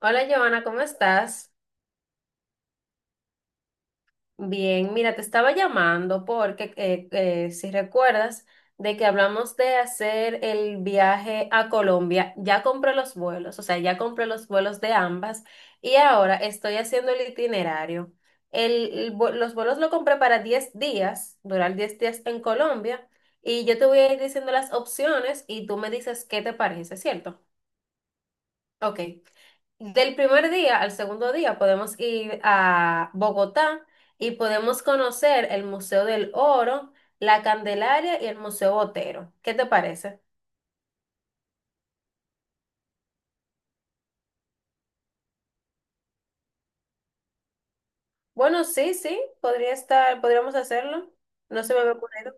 Hola Joana, ¿cómo estás? Bien, mira, te estaba llamando porque si recuerdas de que hablamos de hacer el viaje a Colombia, ya compré los vuelos, o sea, ya compré los vuelos de ambas y ahora estoy haciendo el itinerario. Los vuelos lo compré para 10 días, durar 10 días en Colombia y yo te voy a ir diciendo las opciones y tú me dices qué te parece, ¿cierto? Ok. Del primer día al segundo día podemos ir a Bogotá y podemos conocer el Museo del Oro, la Candelaria y el Museo Botero. ¿Qué te parece? Bueno, sí, sí, podría estar, podríamos hacerlo. No se me había ocurrido.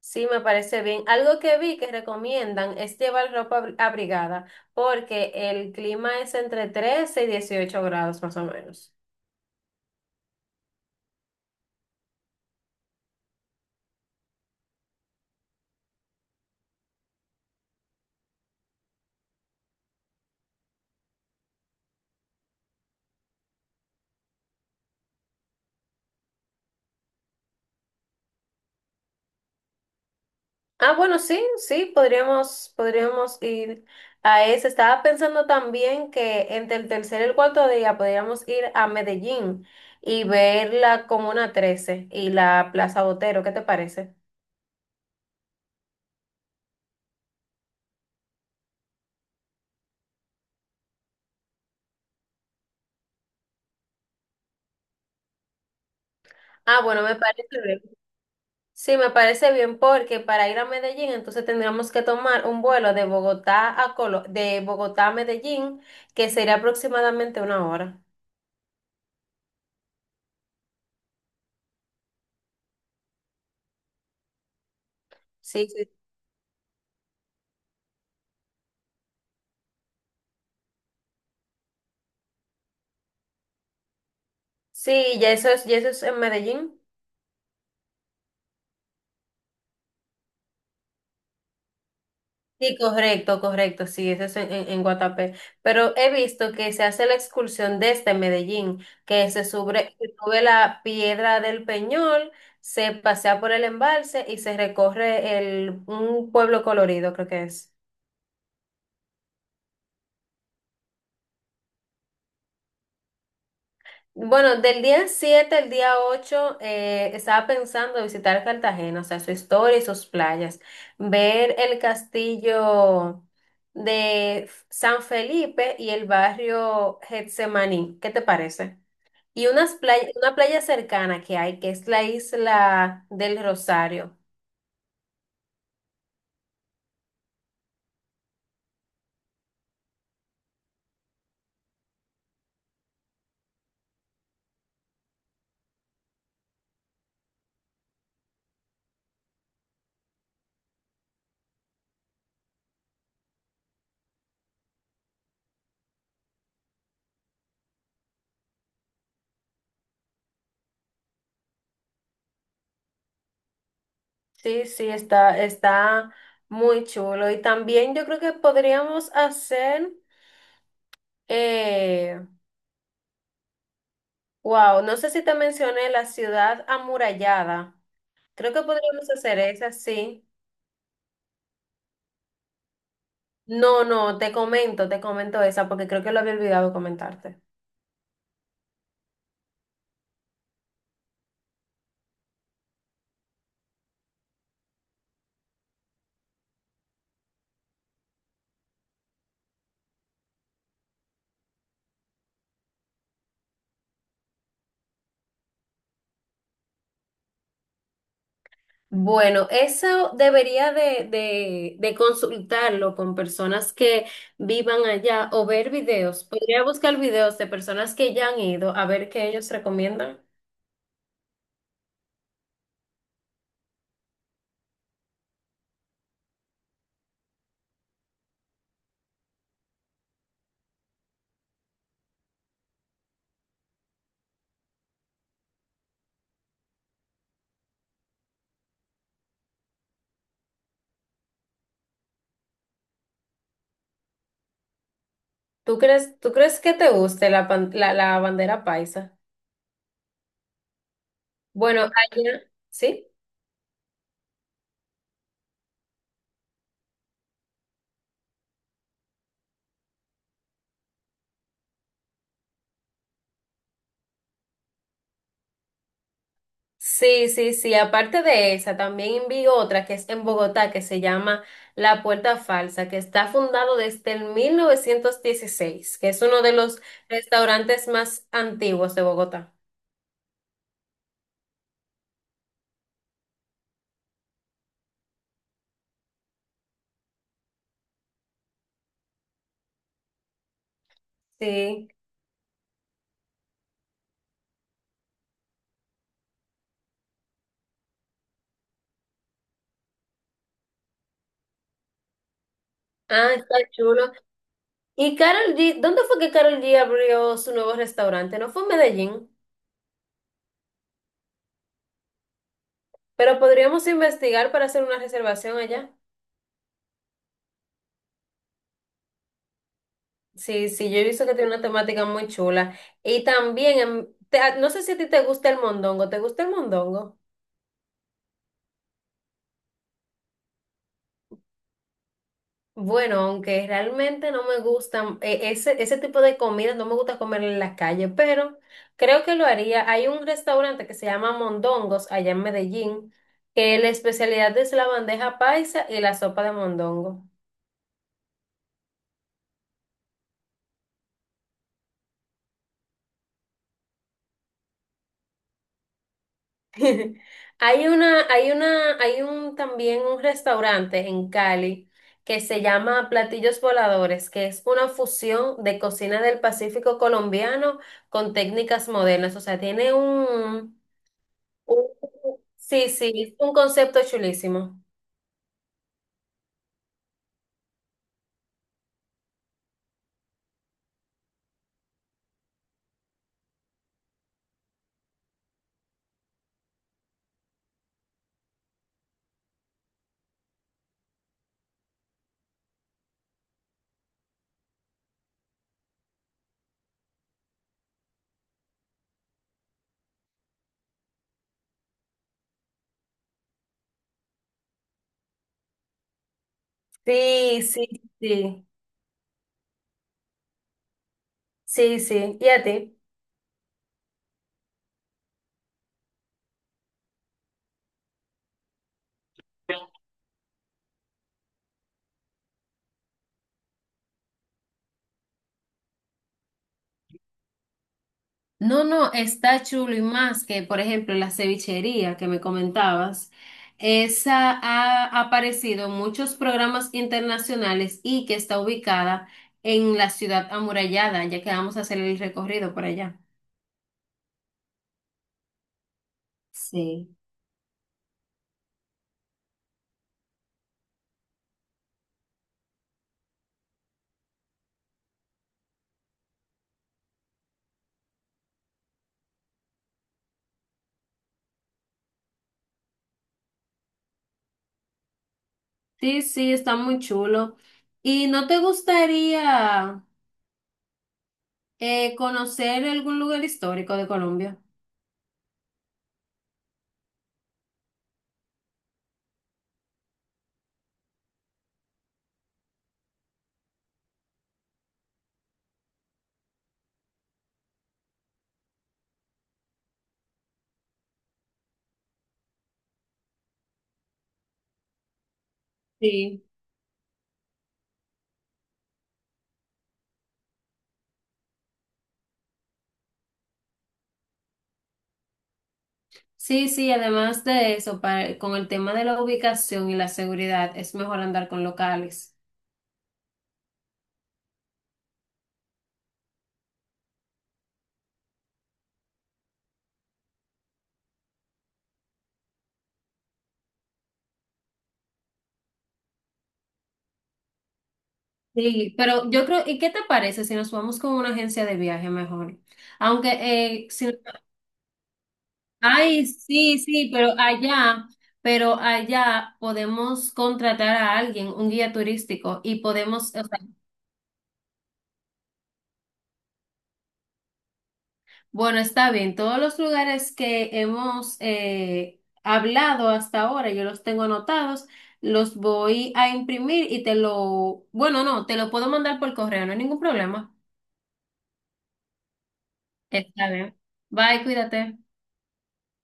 Sí, me parece bien. Algo que vi que recomiendan es llevar abrigada porque el clima es entre 13 y 18 grados más o menos. Ah, bueno, sí, sí, podríamos ir a ese. Estaba pensando también que entre el tercer y el cuarto día podríamos ir a Medellín y ver la Comuna 13 y la Plaza Botero. ¿Qué te parece? Ah, bueno, me parece bien. Sí, me parece bien porque para ir a Medellín entonces tendríamos que tomar un vuelo de de Bogotá a Medellín, que sería aproximadamente una hora. Sí, sí. Sí, ya eso es en Medellín. Sí, correcto, correcto, sí, eso es en, en Guatapé. Pero he visto que se hace la excursión desde Medellín, que se sube la piedra del Peñol, se pasea por el embalse y se recorre el, un pueblo colorido, creo que es. Bueno, del día 7 al día 8 estaba pensando visitar Cartagena, o sea, su historia y sus playas, ver el castillo de San Felipe y el barrio Getsemaní. ¿Qué te parece? Y una playa cercana que hay, que es la isla del Rosario. Sí, sí, está, está muy chulo. Y también yo creo que podríamos hacer... eh, Wow, no sé si te mencioné la ciudad amurallada. Creo que podríamos hacer esa, sí. No, no, te comento esa porque creo que lo había olvidado comentarte. Bueno, eso debería de consultarlo con personas que vivan allá o ver videos. Podría buscar videos de personas que ya han ido a ver qué ellos recomiendan. Tú crees que te guste la bandera paisa? Bueno, allá, ¿sí? Sí, sí, sí. Aparte de esa, también vi otra que es en Bogotá, que se llama La Puerta Falsa, que está fundado desde el 1916 que es uno de los restaurantes más antiguos de Bogotá. Sí. Ah, está chulo. Y Carol G, ¿dónde fue que Carol G abrió su nuevo restaurante? No fue en Medellín, pero podríamos investigar para hacer una reservación allá. Sí, sí, yo he visto que tiene una temática muy chula. Y también, no sé si a ti te gusta el mondongo, ¿te gusta el mondongo? Bueno, aunque realmente no me gustan, ese tipo de comida no me gusta comer en la calle, pero creo que lo haría. Hay un restaurante que se llama Mondongos allá en Medellín, que la especialidad es la bandeja paisa y la sopa de mondongo. Hay una, hay una, hay un también un restaurante en Cali que se llama Platillos Voladores, que es una fusión de cocina del Pacífico colombiano con técnicas modernas. O sea, tiene un Uh, sí, sí, es un concepto chulísimo. Sí, sí, sí, sí, sí. ¿Y a ti? No, no, está chulo y más que, por ejemplo, la cevichería que me comentabas. Esa ha aparecido en muchos programas internacionales y que está ubicada en la ciudad amurallada, ya que vamos a hacer el recorrido por allá. Sí, sí, sí, está muy chulo. ¿Y no te gustaría conocer algún lugar histórico de Colombia? Sí, sí, sí, además de eso, para- con el tema de la ubicación y la seguridad, es mejor andar con locales. Sí, pero yo creo, ¿y qué te parece si nos vamos con una agencia de viaje mejor? Aunque, no, ay, sí, sí, pero allá podemos contratar a alguien, un guía turístico, y podemos, o sea, bueno, está bien. Todos los lugares que hemos hablado hasta ahora, yo los tengo anotados, los voy a imprimir y te lo, bueno, no, te lo puedo mandar por correo, no hay ningún problema. Está bien. Bye, cuídate.